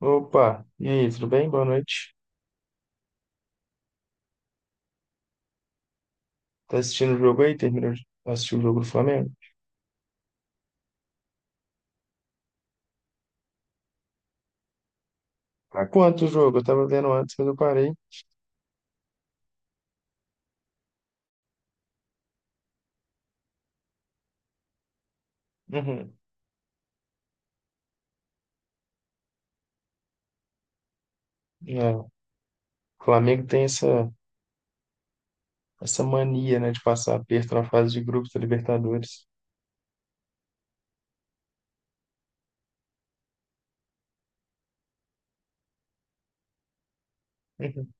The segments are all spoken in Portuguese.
Opa, e aí, tudo bem? Boa noite. Tá assistindo o jogo aí? Terminou de assistir o jogo do Flamengo? Tá quanto o jogo? Eu tava vendo antes, mas eu parei. Uhum. É, o Flamengo tem essa mania, né, de passar aperto na fase de grupos da Libertadores. Uhum.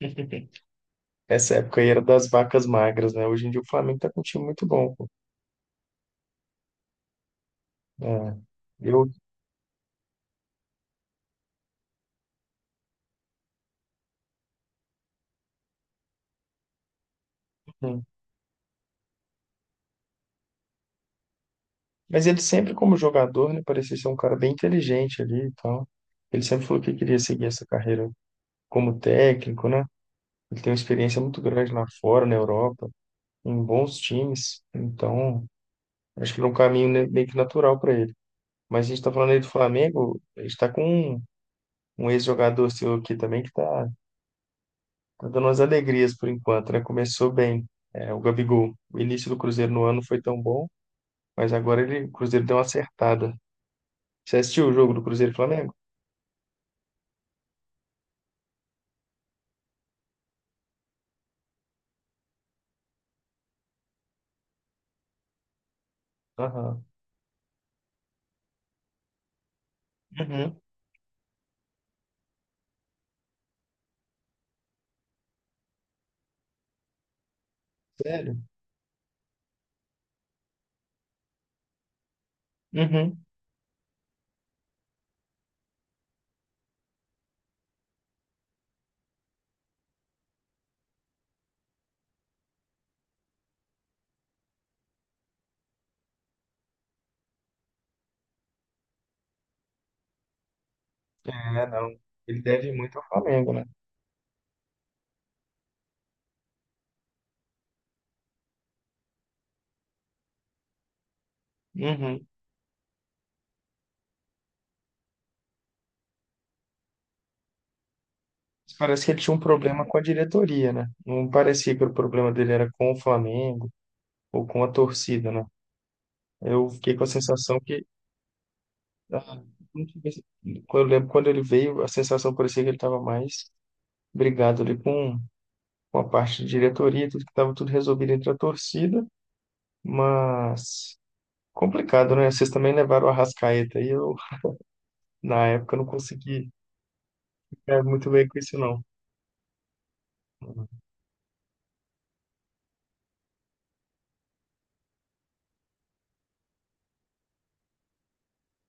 Essa época aí era das vacas magras, né? Hoje em dia o Flamengo tá com um time muito bom, pô. É, eu... uhum. Mas ele sempre, como jogador, né, parecia ser um cara bem inteligente ali e tal. Ele sempre falou que queria seguir essa carreira como técnico, né? Ele tem uma experiência muito grande lá fora, na Europa, em bons times. Então, acho que é um caminho meio que natural para ele. Mas a gente está falando aí do Flamengo, a gente está com um ex-jogador seu aqui também que está dando umas alegrias por enquanto, né? Começou bem, é, o Gabigol. O início do Cruzeiro no ano não foi tão bom, mas agora ele, o Cruzeiro deu uma acertada. Você assistiu o jogo do Cruzeiro e Flamengo? Aham. Uhum. Sério? Uhum. É, não. Ele deve muito ao Flamengo, né? Uhum. Mas parece que ele tinha um problema com a diretoria, né? Não parecia que o problema dele era com o Flamengo ou com a torcida, né? Eu fiquei com a sensação que, ah, não tive- esse- quando eu lembro quando ele veio, a sensação parecia que ele estava mais brigado ali com a parte de diretoria, tudo que estava tudo resolvido entre a torcida, mas complicado, né? Vocês também levaram a Arrascaeta e eu, na época, não consegui ficar muito bem com isso, não.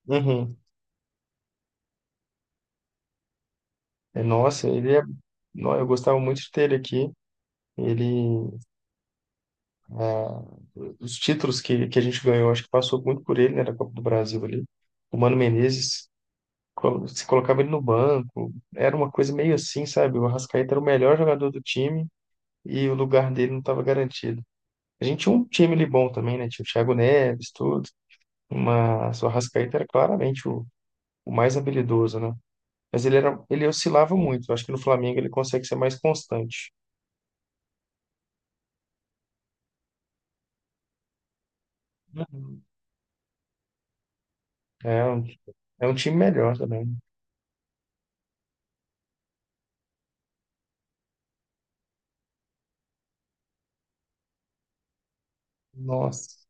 Uhum. É, nossa, ele é. Não, eu gostava muito de ter ele aqui. Ele... ah... os títulos que a gente ganhou, acho que passou muito por ele, né, da Copa do Brasil ali. O Mano Menezes, se colocava ele no banco, era uma coisa meio assim, sabe? O Arrascaeta era o melhor jogador do time e o lugar dele não estava garantido. A gente tinha um time ali bom também, né? Tinha o Thiago Neves, tudo, mas o Arrascaeta era claramente o mais habilidoso, né? Mas ele era, ele oscilava muito. Eu acho que no Flamengo ele consegue ser mais constante. Uhum. É um, é um time melhor também. Nossa.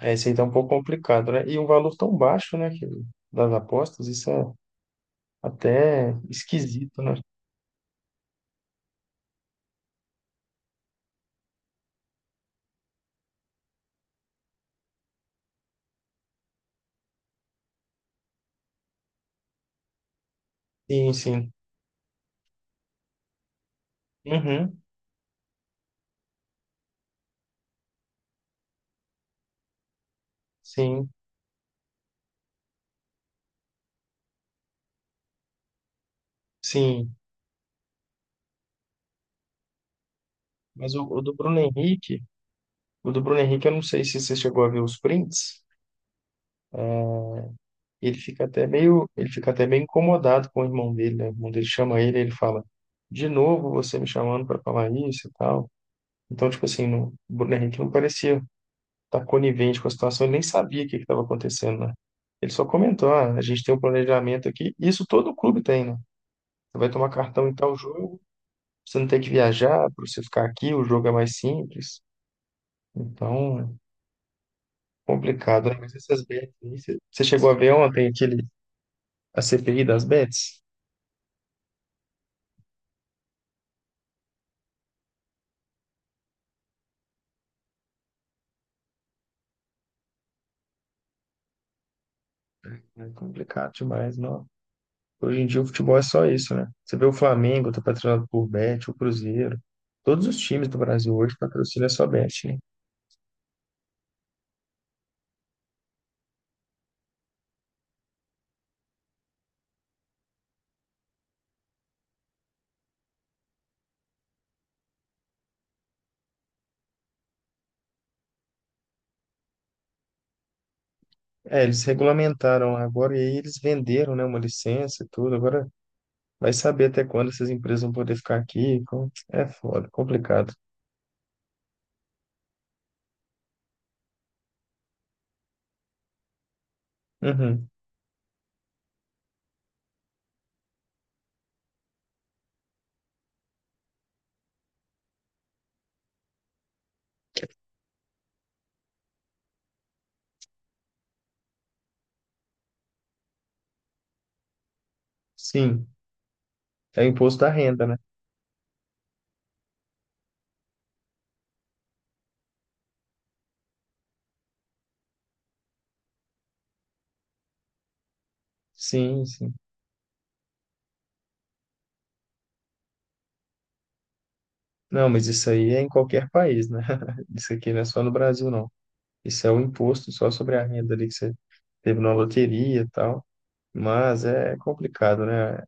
É, isso aí tá um pouco complicado, né? E um valor tão baixo, né, que, das apostas, isso é até esquisito, né? Sim, sim. Uhum, sim, sim. Mas o do Bruno Henrique, o do Bruno Henrique, eu não sei se você chegou a ver os prints, ele fica até meio, ele fica até meio incomodado com o irmão dele, né? O irmão dele chama ele, ele fala, de novo você me chamando para falar isso e tal. Então, tipo assim, o Bruno Henrique não parecia tá conivente com a situação, ele nem sabia o que estava acontecendo, né? Ele só comentou, ah, a gente tem um planejamento aqui, isso todo clube tem, né? Você vai tomar cartão em tal jogo, você não tem que viajar para você ficar aqui, o jogo é mais simples. Então, complicado, né? Mas essas bets aí, você chegou a ver ontem aquele, a CPI das bets? É complicado demais, não. Hoje em dia o futebol é só isso, né? Você vê o Flamengo, tá patrocinado por Bet, o Cruzeiro. Todos os times do Brasil hoje patrocinam só Bet, né? É, eles regulamentaram lá agora e aí eles venderam, né, uma licença e tudo. Agora vai saber até quando essas empresas vão poder ficar aqui. É foda, complicado. Uhum. Sim, é o imposto da renda, né? Sim, sim. Não, mas isso aí é em qualquer país, né? Isso aqui não é só no Brasil, não. Isso é o imposto só sobre a renda ali que você teve na loteria e tal. Mas é complicado, né?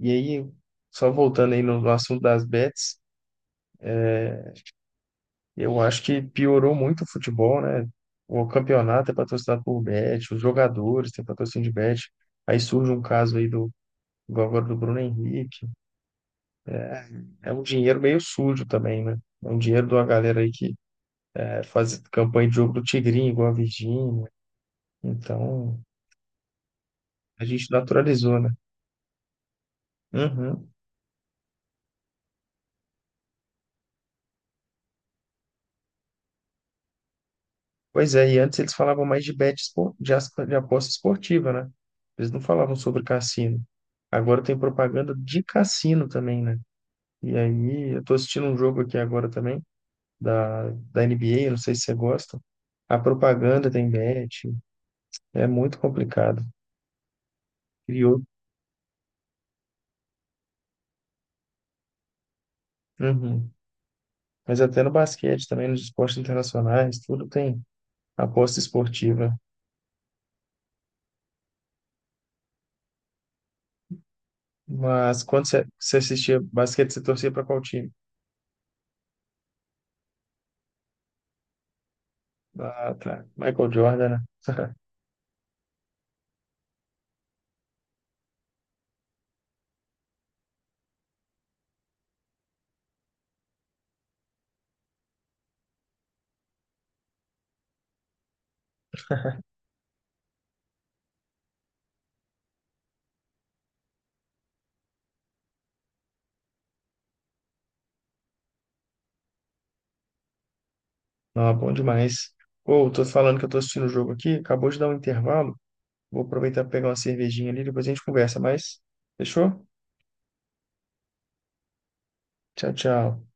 E aí, só voltando aí no assunto das bets, eu acho que piorou muito o futebol, né? O campeonato é patrocinado por Bet, os jogadores têm patrocínio de Bet. Aí surge um caso aí do, do agora do Bruno Henrique. É, é um dinheiro meio sujo também, né? É um dinheiro de uma galera aí que é, faz campanha de jogo do Tigrinho, igual a Virgínia. Então, a gente naturalizou, né? Uhum. Pois é, e antes eles falavam mais de bet de, de aposta esportiva, né? Eles não falavam sobre cassino. Agora tem propaganda de cassino também, né? E aí, eu tô assistindo um jogo aqui agora também, da NBA, não sei se você gosta. A propaganda tem bet, é muito complicado. Criou. Uhum. Mas até no basquete também, nos esportes internacionais, tudo tem aposta esportiva. Mas quando você, você assistia basquete, você torcia para qual time? Ah, tá. Michael Jordan, né? Não, é bom demais. Ou, tô falando que eu tô assistindo o jogo aqui, acabou de dar um intervalo. Vou aproveitar para pegar uma cervejinha ali, depois a gente conversa mais. Fechou? Tchau, tchau.